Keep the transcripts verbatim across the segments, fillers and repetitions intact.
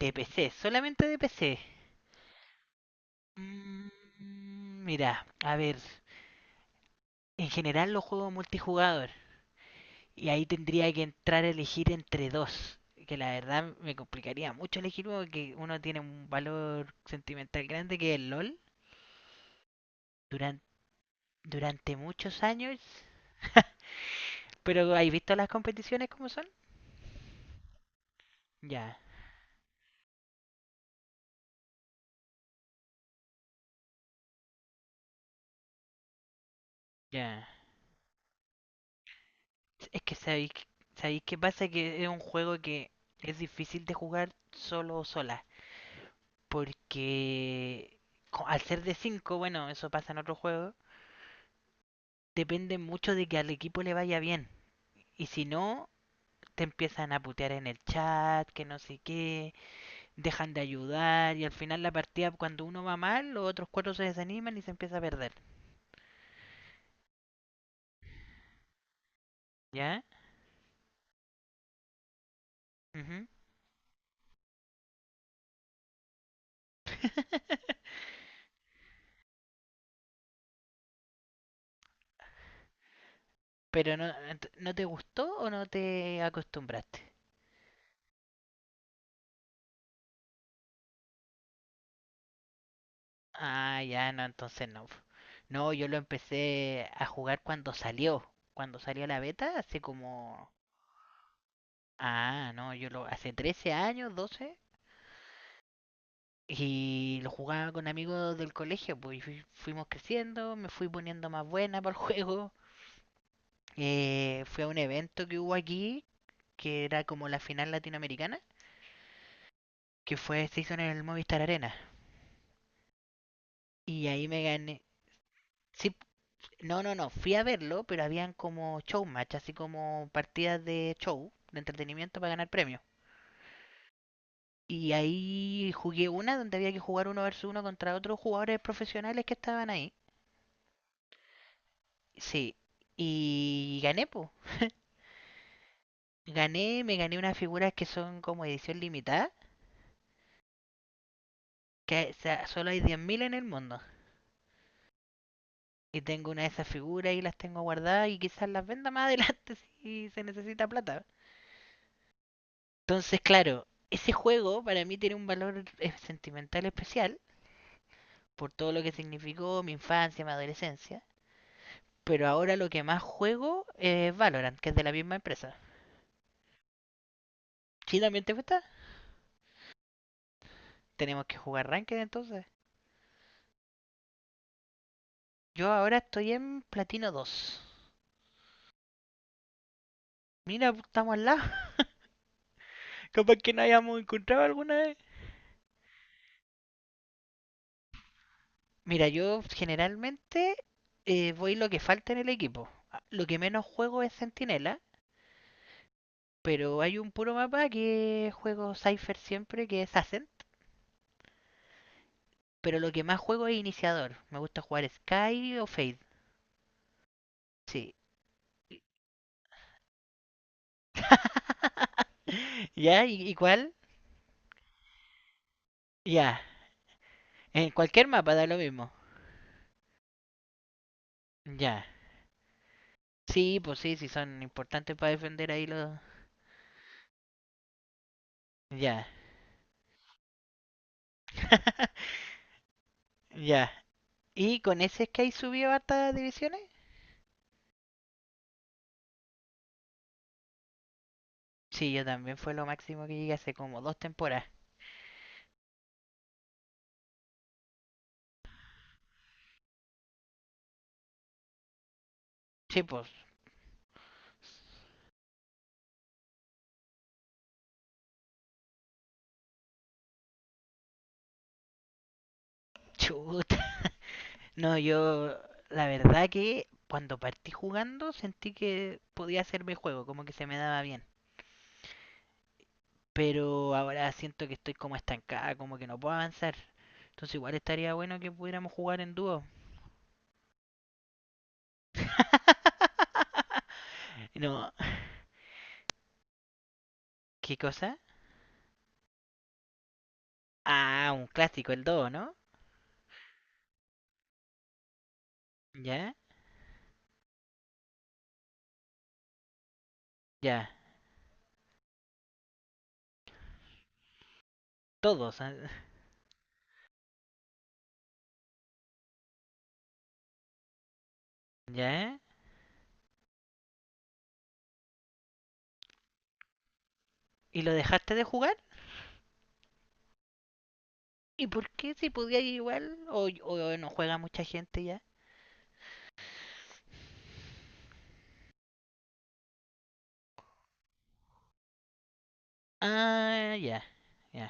De P C, solamente de P C. Mm, Mira, a ver, en general los juegos multijugador. Y ahí tendría que entrar a elegir entre dos. Que la verdad me complicaría mucho elegir uno porque uno tiene un valor sentimental grande que es el LOL. Durante, durante muchos años. Pero ¿has visto las competiciones como son? Ya, ya. Es que sabéis, sabéis qué pasa, que es un juego que es difícil de jugar solo o sola. Porque co- al ser de cinco, bueno, eso pasa en otros juegos, depende mucho de que al equipo le vaya bien. Y si no, te empiezan a putear en el chat, que no sé qué, dejan de ayudar, y al final la partida, cuando uno va mal, los otros cuatro se desaniman y se empieza a perder. ¿Ya? Ujú. Pero no, ent- ¿no te gustó o no te acostumbraste? Ah, ya, no, entonces no. No, yo lo empecé a jugar cuando salió. Cuando salió la beta, hace como Ah, no, yo lo hace trece años, doce, y lo jugaba con amigos del colegio, pues, y fui- fuimos creciendo, me fui poniendo más buena para el juego. Eh, fui a un evento que hubo aquí, que era como la final latinoamericana, que fue, se hizo en el Movistar Arena, y ahí me gané. Sí, no, no, no, fui a verlo, pero habían como showmatch, así como partidas de show, de entretenimiento para ganar premios. Y ahí jugué una donde había que jugar uno versus uno contra otros jugadores profesionales que estaban ahí. Sí, y gané, pues. Gané, me gané unas figuras que son como edición limitada, que, o sea, solo hay diez mil en el mundo. Y tengo una de esas figuras y las tengo guardadas y quizás las venda más adelante si se necesita plata. Entonces, claro, ese juego para mí tiene un valor eh, sentimental especial por todo lo que significó mi infancia, mi adolescencia. Pero ahora lo que más juego es Valorant, que es de la misma empresa. ¿Sí también te gusta? Tenemos que jugar Ranked, entonces. Yo ahora estoy en Platino dos. Mira, pues, estamos al lado. Capaz que no hayamos encontrado alguna vez. Mira, yo generalmente eh, voy lo que falta en el equipo. Ah, lo que menos juego es Centinela, pero hay un puro mapa que juego Cypher siempre, que es Ascent. Pero lo que más juego es Iniciador. Me gusta jugar Sky o Fade. Sí. ¿Ya? ¿Y, y cuál? Ya. En cualquier mapa da lo mismo. Ya. Sí, pues sí, sí son importantes para defender ahí los... Ya. Ya. Y con ese Sky subió hartas divisiones. Sí, yo también fue lo máximo que llegué hace como dos temporadas. Sí, pues. Chuta. No, yo. La verdad que cuando partí jugando sentí que podía hacerme juego, como que se me daba bien. Pero ahora siento que estoy como estancada, como que no puedo avanzar. Entonces igual estaría bueno que pudiéramos jugar en dúo. No. ¿Qué cosa? Ah, un clásico, el dúo, ¿no? Ya, ya. Todos. ah, Ya. ¿Y lo dejaste de jugar? ¿Y por qué si podía igual? ¿O, o no juega mucha gente ya? Ah, ya, ya,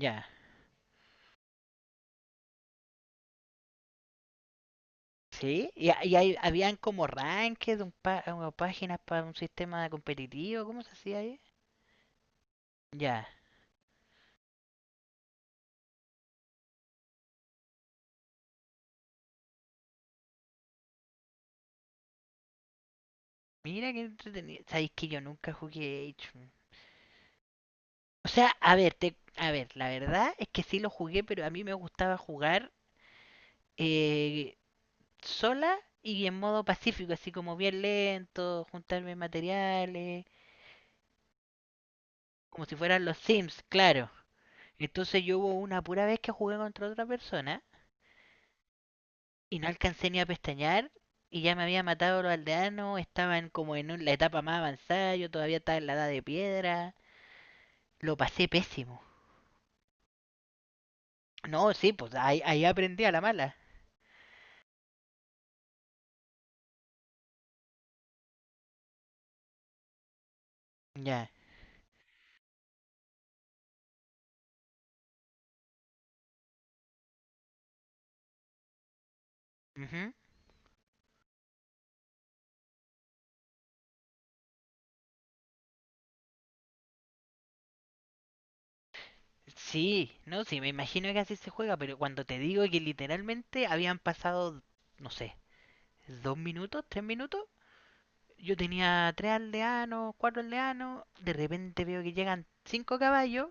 ya. Sí, y, y hay- habían como rankings, un pa- una páginas para un sistema competitivo, ¿cómo se hacía ahí? Ya, mira qué entretenido. Sabéis que yo nunca jugué Age. Mm. O sea, a ver, te, a ver, la verdad es que sí lo jugué, pero a mí me gustaba jugar eh, sola y en modo pacífico, así como bien lento, juntarme materiales, como si fueran los Sims, claro. Entonces yo hubo una pura vez que jugué contra otra persona y no alcancé ni a pestañear y ya me había matado a los aldeanos, estaban como en un- la etapa más avanzada, yo todavía estaba en la edad de piedra, lo pasé pésimo. No, sí, pues ahí, ahí aprendí a la mala. Ya. Ujú. Sí, no, sí, me imagino que así se juega, pero cuando te digo que literalmente habían pasado, no sé, dos minutos, tres minutos. Yo tenía tres aldeanos, cuatro aldeanos. De repente veo que llegan cinco caballos,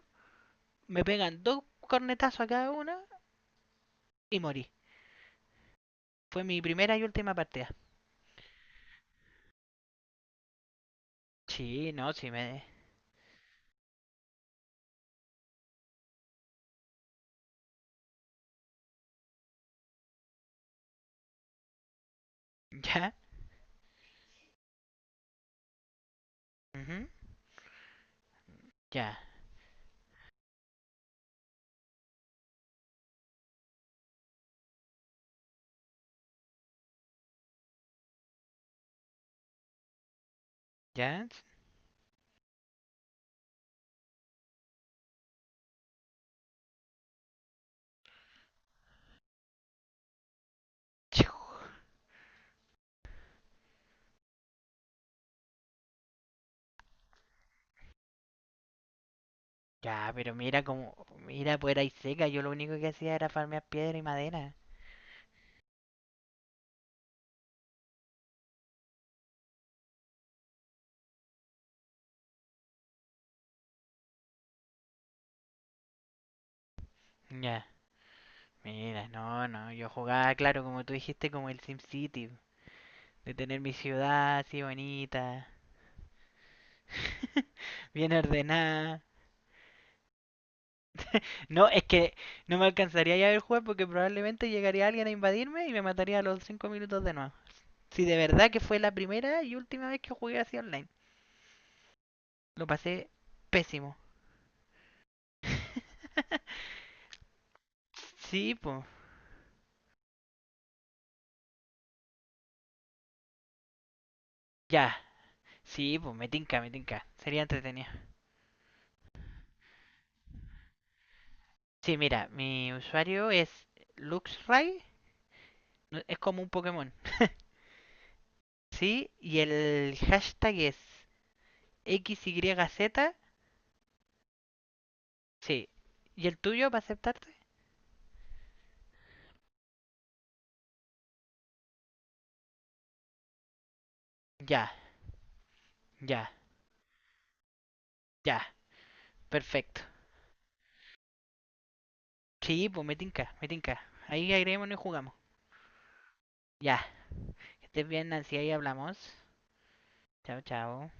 me pegan dos cornetazos a cada uno y morí. Fue mi primera y última partida. Sí, no, sí me. Ya, ujú, ya, ya, ya, pero mira como. Mira, pues era y seca. Yo lo único que hacía era farmear piedra y madera. Ya, mira, no, no. Yo jugaba, claro, como tú dijiste, como el SimCity. De tener mi ciudad así bonita, bien ordenada. No, es que no me alcanzaría ya a ver jugar porque probablemente llegaría alguien a invadirme y me mataría a los cinco minutos de nuevo. Si de verdad que fue la primera y última vez que jugué así online. Lo pasé pésimo. Sí, pues. Ya. Sí, pues me tinca, me tinca. Sería entretenido. Sí, mira, mi usuario es Luxray. no- Es como un Pokémon. Sí, y el hashtag es X Y Z. Sí. ¿Y el tuyo para aceptarte? Ya. Ya, ya, perfecto. Sí, pues me tinca, me tinca. Ahí agreguémonos y jugamos. Ya, que estés bien, Nancy, ahí hablamos. Chao, chao.